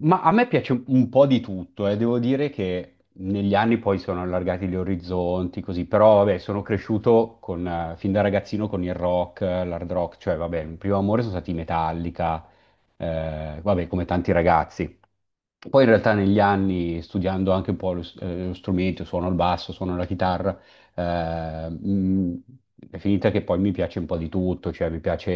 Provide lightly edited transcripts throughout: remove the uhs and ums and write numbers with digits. Ma a me piace un po' di tutto, eh. Devo dire che negli anni poi sono allargati gli orizzonti, così, però vabbè, sono cresciuto con, fin da ragazzino con il rock, l'hard rock, cioè vabbè, il primo amore sono stati i Metallica, vabbè, come tanti ragazzi, poi in realtà negli anni, studiando anche un po' lo strumento, suono il basso, suono la chitarra. eh, mh, è finita che poi mi piace un po' di tutto, cioè mi piace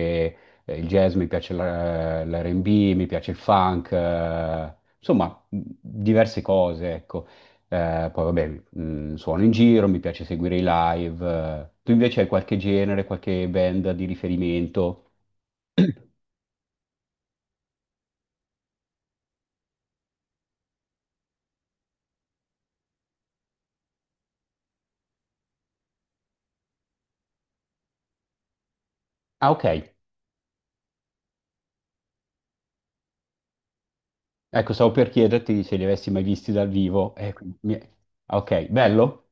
il jazz, mi piace l'R&B, mi piace il funk, insomma diverse cose, ecco. Poi vabbè, suono in giro, mi piace seguire i live. Tu invece hai qualche genere, qualche band di riferimento? Ah, ok. Ecco, stavo per chiederti se li avessi mai visti dal vivo. Ah, ok, bello?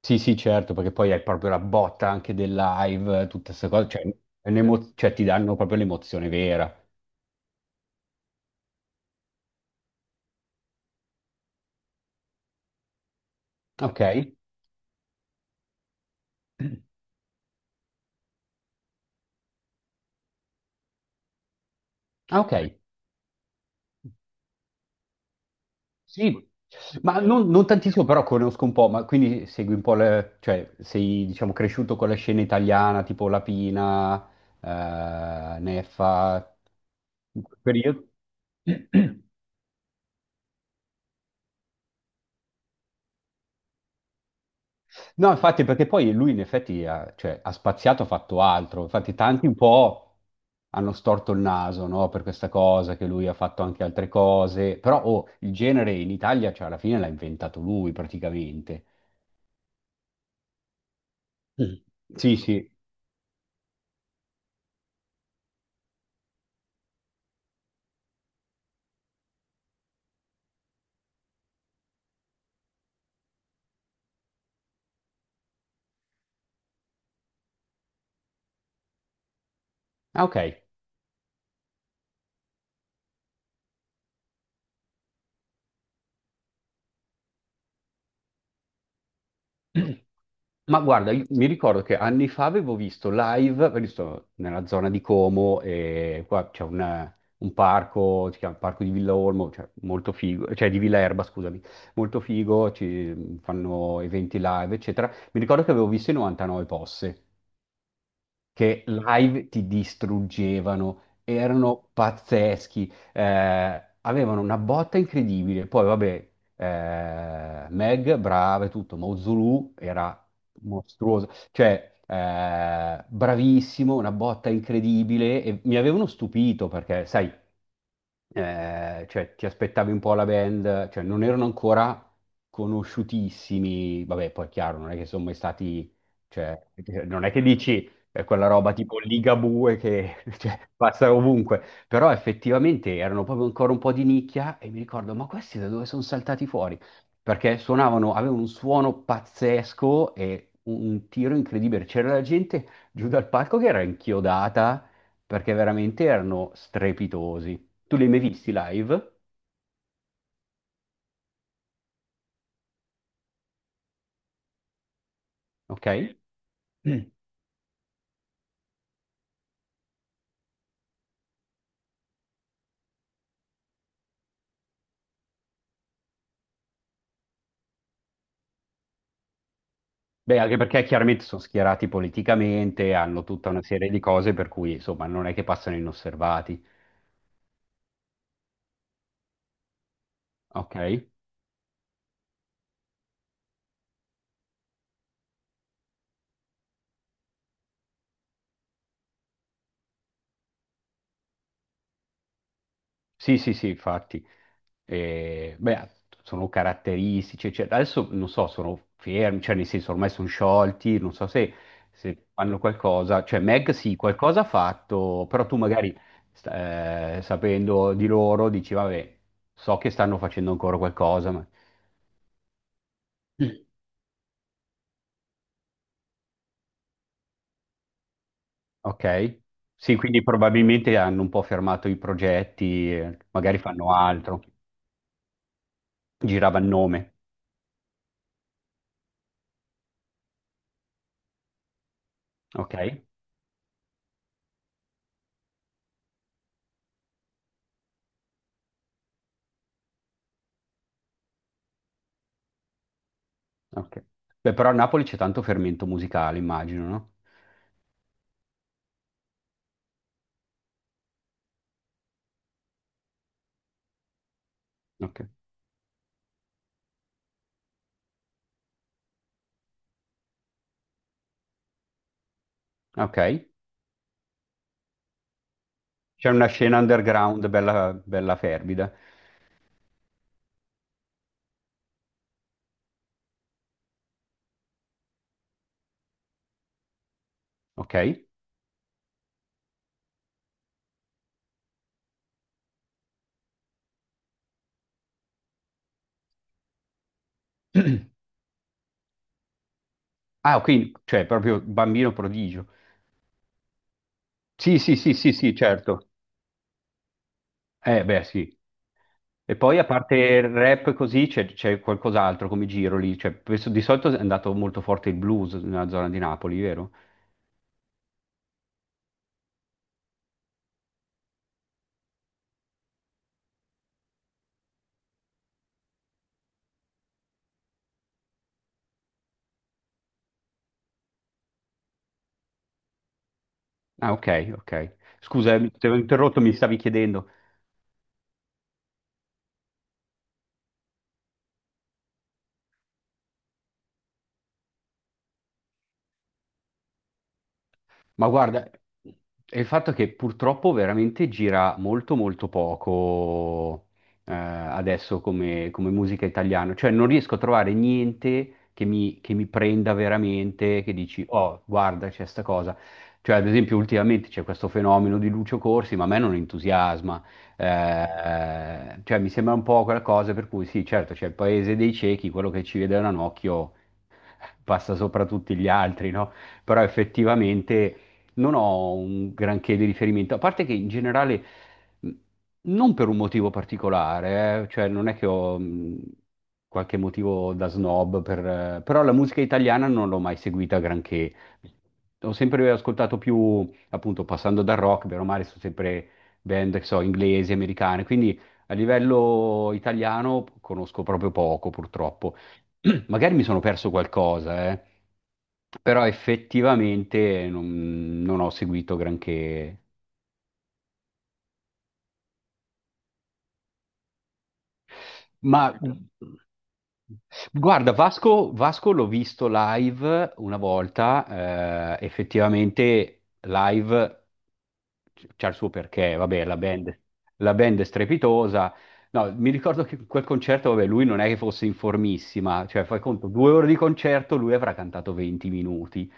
Sì, sì, certo, perché poi hai proprio la botta anche del live, tutte queste cose, cioè, cioè, ti danno proprio l'emozione vera. Ok? Ah, ok. Sì, ma non tantissimo, però conosco un po', ma quindi segui un po' cioè sei, diciamo, cresciuto con la scena italiana, tipo Lapina, Neffa, in quel periodo? No, infatti, perché poi lui in effetti ha, cioè, ha spaziato, ha fatto altro. Infatti, tanti un po' hanno storto il naso, no, per questa cosa, che lui ha fatto anche altre cose. Però, oh, il genere in Italia, cioè, alla fine l'ha inventato lui praticamente. Mm. Sì, sì. Ah, ok. Ma guarda, mi ricordo che anni fa avevo visto live, perché sto nella zona di Como e qua c'è un parco, si chiama Parco di Villa Olmo, cioè molto figo, cioè di Villa Erba, scusami, molto figo, ci fanno eventi live, eccetera. Mi ricordo che avevo visto i 99 Posse che live ti distruggevano, erano pazzeschi, avevano una botta incredibile. Poi, vabbè, Meg, brava e tutto, ma Zulu era mostruoso, cioè bravissimo, una botta incredibile e mi avevano stupito perché, sai, cioè ti aspettavi un po' la band, cioè non erano ancora conosciutissimi, vabbè, poi è chiaro, non è che sono mai stati, cioè non è che dici è quella roba tipo Ligabue che cioè, passa ovunque, però effettivamente erano proprio ancora un po' di nicchia e mi ricordo, ma questi da dove sono saltati fuori? Perché suonavano, avevano un suono pazzesco e un tiro incredibile, c'era la gente giù dal palco che era inchiodata perché veramente erano strepitosi. Tu li hai mai visti live? Sì. Ok. Mm. Beh, anche perché chiaramente sono schierati politicamente, hanno tutta una serie di cose per cui insomma non è che passano inosservati. Ok? Sì, sì, sì, infatti. E, beh, sono caratteristici, eccetera. Adesso non so, sono fermi, cioè nel senso ormai sono sciolti, non so se fanno qualcosa. Cioè Meg sì, qualcosa ha fatto, però tu magari sapendo di loro dici, vabbè, so che stanno facendo ancora qualcosa, ma... Ok. Sì, quindi probabilmente hanno un po' fermato i progetti, magari fanno altro. Girava il nome. Ok. Ok. Beh, però a Napoli c'è tanto fermento musicale, immagino, no? Ok. Ok. C'è una scena underground bella, bella fervida. Ok. Ah, quindi, cioè, proprio bambino prodigio. Sì, sì, sì, sì, sì, certo. Beh, sì. E poi a parte il rap così c'è qualcos'altro come giro lì. Cioè, di solito è andato molto forte il blues nella zona di Napoli, vero? Ah, ok, ok. Scusa, ti avevo interrotto, mi stavi chiedendo. Ma guarda, è il fatto che purtroppo veramente gira molto molto poco, adesso come, musica italiana, cioè non riesco a trovare niente che mi prenda veramente, che dici, oh, guarda, c'è sta cosa. Cioè, ad esempio, ultimamente c'è questo fenomeno di Lucio Corsi, ma a me non entusiasma. Cioè, mi sembra un po' quella cosa per cui sì, certo, c'è il paese dei ciechi, quello che ci vede da un occhio passa sopra tutti gli altri, no? Però effettivamente non ho un granché di riferimento, a parte che in generale, mh, non per un motivo particolare, cioè non è che ho, qualche motivo da snob, però la musica italiana non l'ho mai seguita granché. Ho sempre ascoltato più, appunto, passando dal rock, bene o male, sono sempre band, che so, inglesi, americane, quindi a livello italiano conosco proprio poco, purtroppo. Magari mi sono perso qualcosa, però effettivamente non ho seguito granché. Ma guarda, Vasco, Vasco l'ho visto live una volta, effettivamente live c'ha il suo perché, vabbè, la band è strepitosa. No, mi ricordo che quel concerto, vabbè, lui non è che fosse in formissima, cioè fai conto, 2 ore di concerto, lui avrà cantato 20 minuti.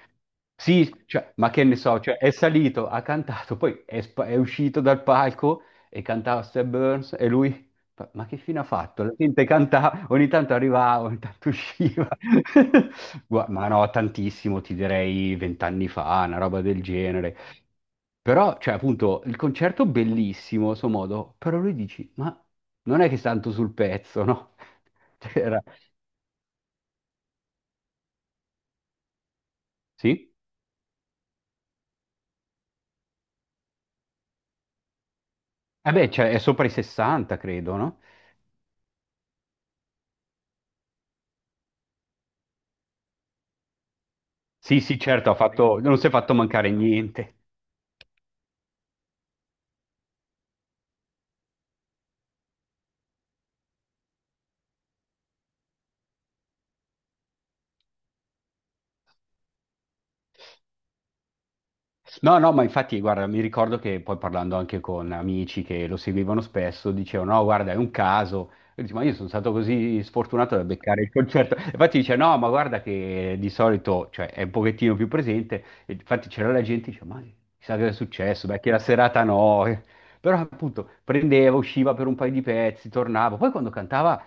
Sì, cioè, ma che ne so, cioè, è salito, ha cantato, poi è uscito dal palco e cantava Step Burns e lui. Ma che fine ha fatto? La gente cantava, ogni tanto arrivava, ogni tanto usciva. Ma no, tantissimo, ti direi vent'anni fa, una roba del genere. Però, cioè, appunto, il concerto bellissimo, a suo modo, però lui dici, ma non è che sta tanto sul pezzo, no? C'era- Sì? Eh beh, cioè, è sopra i 60, credo, no? Sì, sì, certo, ha fatto, non si è fatto mancare niente. No, no, ma infatti, guarda, mi ricordo che poi parlando anche con amici che lo seguivano spesso, dicevano, no, guarda, è un caso. Io dicevo, ma io sono stato così sfortunato da beccare il concerto. E infatti dice, no, ma guarda che di solito, cioè, è un pochettino più presente. E infatti c'era la gente che diceva, ma chissà che è successo, beh, che la serata no. Però appunto prendeva, usciva per un paio di pezzi, tornava. Poi quando cantava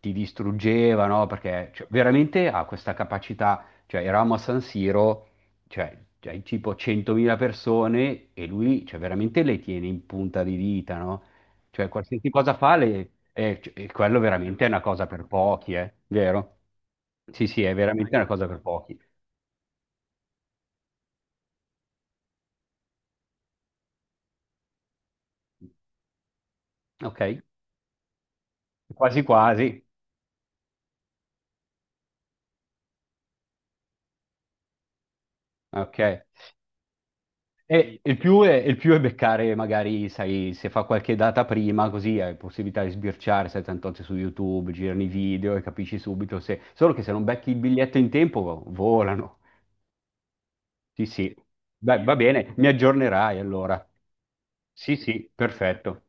ti distruggeva, no? Perché cioè, veramente ha questa capacità, cioè eravamo a San Siro, cioè, hai tipo 100.000 persone e lui, cioè, veramente le tiene in punta di dita, no? Cioè, qualsiasi cosa fa, e quello veramente è una cosa per pochi, eh? Vero? Sì, sì, è veramente una cosa per pochi. Ok, quasi quasi. Ok. E il più è, beccare, magari, sai, se fa qualche data prima, così hai possibilità di sbirciare, sai, tanto c'è su YouTube, girano i video e capisci subito se... Solo che se non becchi il biglietto in tempo, volano. Sì, sì. Beh, va bene, mi aggiornerai allora. Sì, sì, perfetto.